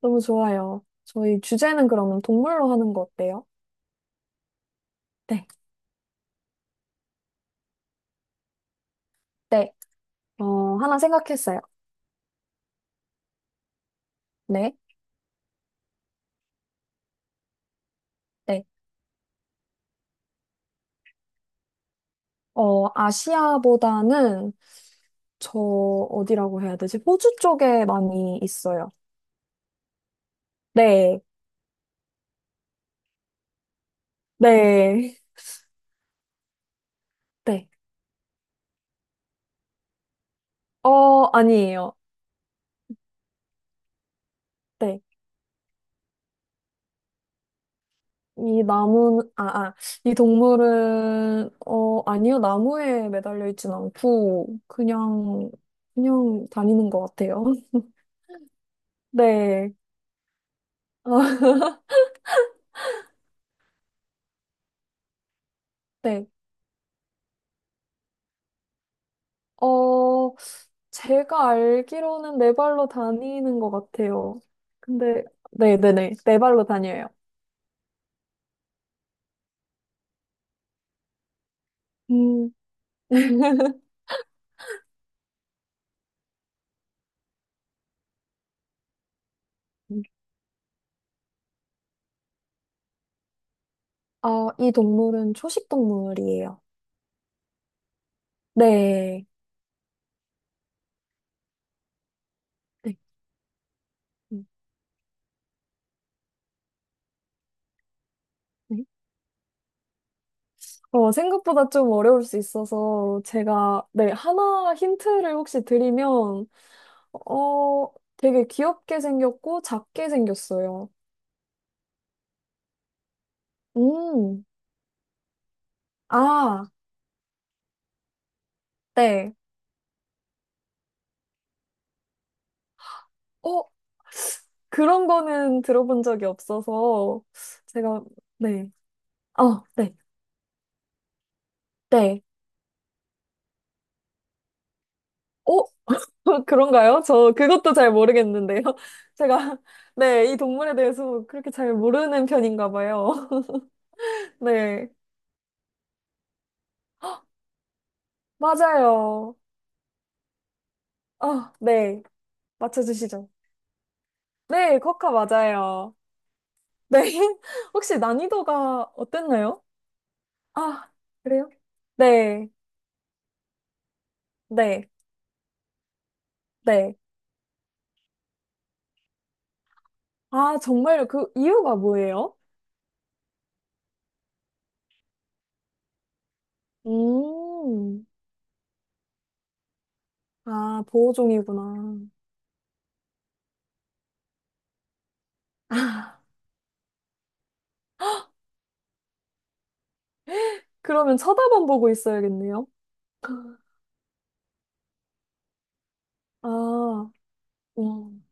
너무 좋아요. 저희 주제는 그러면 동물로 하는 거 어때요? 네. 네. 하나 생각했어요. 네. 네. 아시아보다는 저 어디라고 해야 되지? 호주 쪽에 많이 있어요. 네. 네. 네. 아니에요. 네. 이 나무, 아, 이 동물은, 아니요. 나무에 매달려 있진 않고, 그냥, 그냥 다니는 것 같아요. 네. 네. 어, 제가 알기로는 네 발로 다니는 것 같아요. 근데, 네네네. 네 발로 다녀요. 음. 이 동물은 초식 동물이에요. 네. 네. 음, 네. 어, 생각보다 좀 어려울 수 있어서 제가, 네, 하나 힌트를 혹시 드리면, 어, 되게 귀엽게 생겼고 작게 생겼어요. 음, 아, 네. 어, 그런 거는 들어본 적이 없어서 제가, 네. 어, 네, 네. 어? 그런가요? 저 그것도 잘 모르겠는데요. 제가, 네, 이 동물에 대해서 그렇게 잘 모르는 편인가 봐요. 네, 맞아요. 아, 네. 맞춰주시죠. 네, 코카 맞아요. 네. 혹시 난이도가 어땠나요? 아, 그래요? 네, 네, 네. 아, 정말 그 이유가 뭐예요? 음, 아, 보호종이구나. 아, 그러면 쳐다만 보고 있어야겠네요. 아, 음,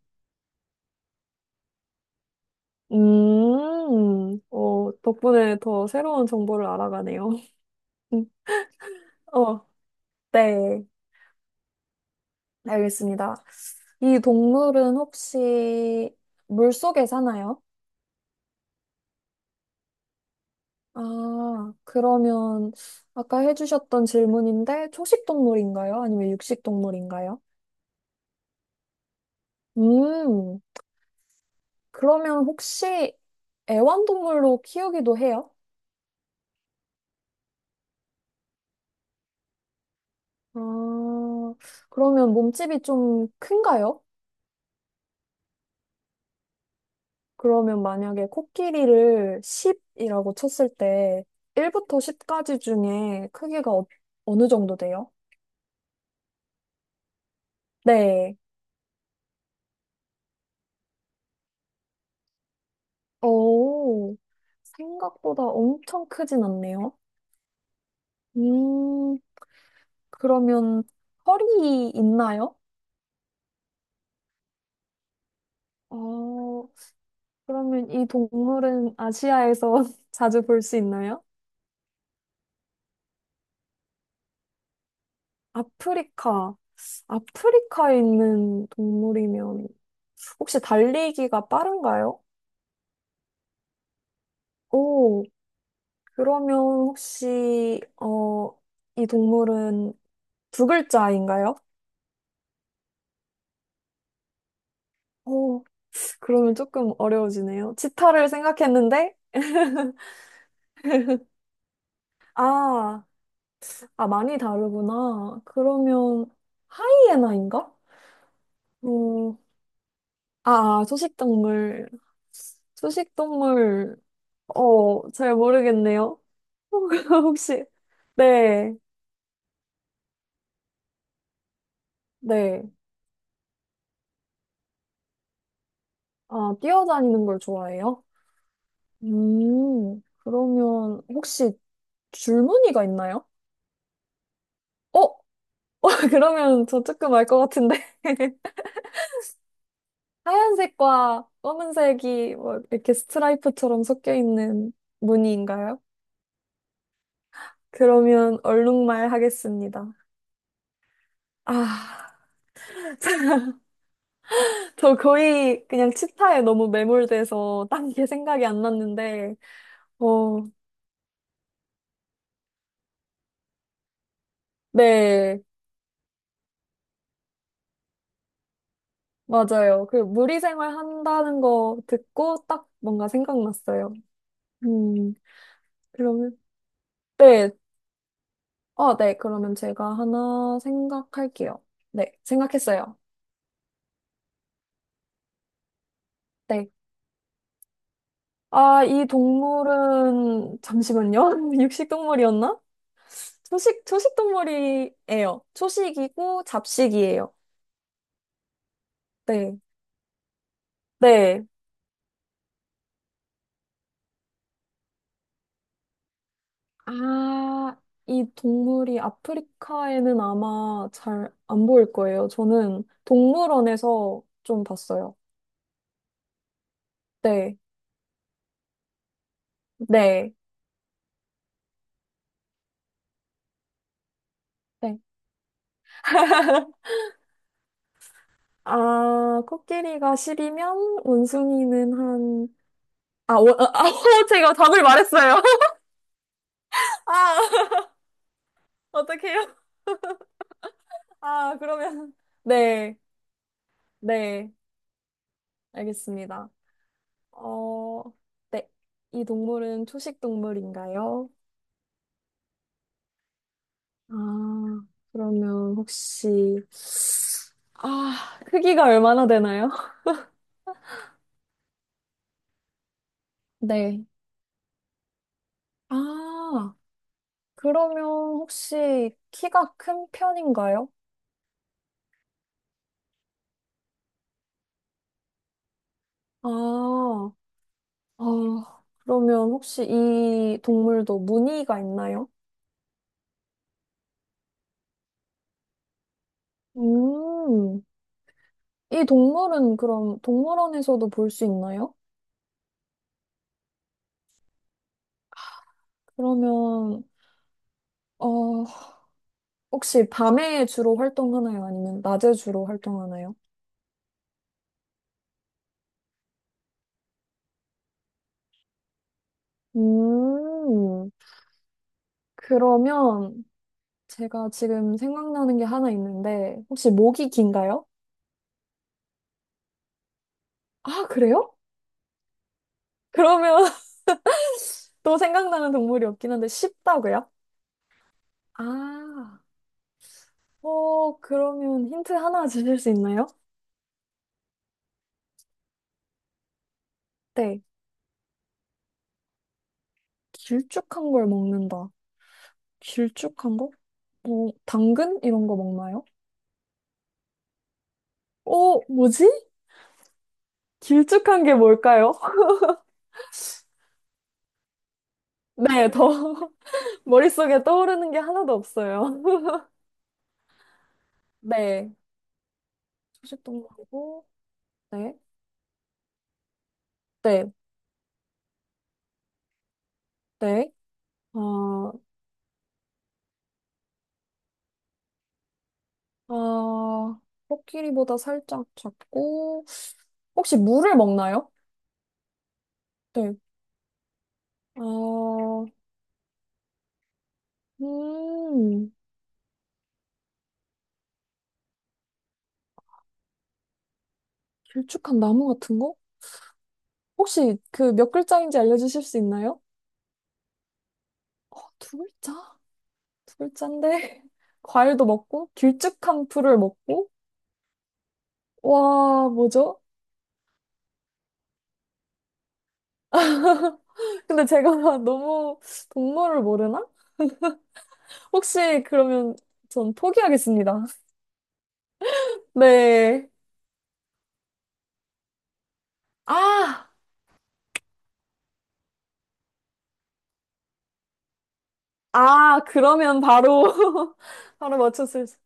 덕분에 더 새로운 정보를 알아가네요. 음, 어, 네, 알겠습니다. 이 동물은 혹시 물속에 사나요? 아, 그러면 아까 해주셨던 질문인데 초식 동물인가요? 아니면 육식 동물인가요? 음, 그러면 혹시 애완동물로 키우기도 해요? 아, 그러면 몸집이 좀 큰가요? 그러면 만약에 코끼리를 10이라고 쳤을 때 1부터 10까지 중에 크기가 어느 정도 돼요? 네. 오, 생각보다 엄청 크진 않네요. 음, 그러면 허리 있나요? 어, 그러면 이 동물은 아시아에서 자주 볼 수 있나요? 아프리카. 아프리카에 있는 동물이면 혹시 달리기가 빠른가요? 오, 그러면 혹시, 어, 이 동물은 두 글자인가요? 어, 그러면 조금 어려워지네요. 치타를 생각했는데, 아, 아, 많이 다르구나. 그러면 하이에나인가? 어, 아, 초식동물. 초식동물, 어, 잘 모르겠네요. 혹시, 네, 네. 아, 뛰어다니는 걸 좋아해요? 그러면 혹시 줄무늬가 있나요? 어? 그러면 저 조금 알 것 같은데. 하얀색과 검은색이 뭐 이렇게 스트라이프처럼 섞여 있는 무늬인가요? 그러면 얼룩말 하겠습니다. 아, 저 거의 그냥 치타에 너무 매몰돼서 딴 게 생각이 안 났는데, 어, 네, 맞아요. 그 무리생활 한다는 거 듣고 딱 뭔가 생각났어요. 음, 그러면, 네. 어, 네. 그러면 제가 하나 생각할게요. 네, 생각했어요. 네. 이 동물은, 잠시만요. 육식 동물이었나? 초식 동물이에요. 초식이고 잡식이에요. 네. 네. 아, 이 동물이 아프리카에는 아마 잘 안 보일 거예요. 저는 동물원에서 좀 봤어요. 네. 네. 네. 아, 코끼리가 십이면 원숭이는 한 아, 원, 아, 아, 제가 답을 말했어요. 아, 어떡해요? 아, 그러면. 네, 네, 알겠습니다. 어, 네. 이 동물은 초식 동물인가요? 아, 그러면 혹시, 크기가 얼마나 되나요? 네. 아, 그러면 혹시 키가 큰 편인가요? 아, 어, 그러면 혹시 이 동물도 무늬가 있나요? 음, 이 동물은 그럼 동물원에서도 볼 수 있나요? 그러면, 어, 혹시 밤에 주로 활동하나요? 아니면 낮에 주로 활동하나요? 음, 그러면 제가 지금 생각나는 게 하나 있는데, 혹시 목이 긴가요? 아, 그래요? 그러면 또 생각나는 동물이 없긴 한데, 쉽다고요? 아, 어, 그러면 힌트 하나 주실 수 있나요? 네, 길쭉한 걸 먹는다. 길쭉한 거? 뭐, 당근? 이런 거 먹나요? 오, 뭐지? 길쭉한 게 뭘까요? 네, 더 머릿속에 떠오르는 게 하나도 없어요. 네. 초식 동물이고, 네, 네, 네. 아, 아, 코끼리보다 살짝 작고, 혹시 물을 먹나요? 네. 아, 음, 길쭉한 나무 같은 거? 혹시 그 몇 글자인지 알려주실 수 있나요? 어, 두 글자? 풀잔인데 과일도 먹고 길쭉한 풀을 먹고 와 뭐죠? 근데 제가 너무 동물을 모르나? 혹시 그러면 전 포기하겠습니다. 네. 아, 아, 그러면 바로, 바로 맞췄을 수.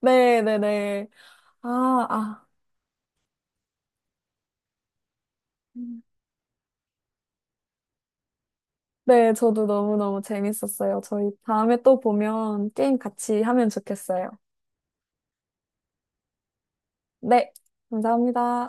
네네네. 아, 아. 네, 저도 너무너무 재밌었어요. 저희 다음에 또 보면 게임 같이 하면 좋겠어요. 네, 감사합니다.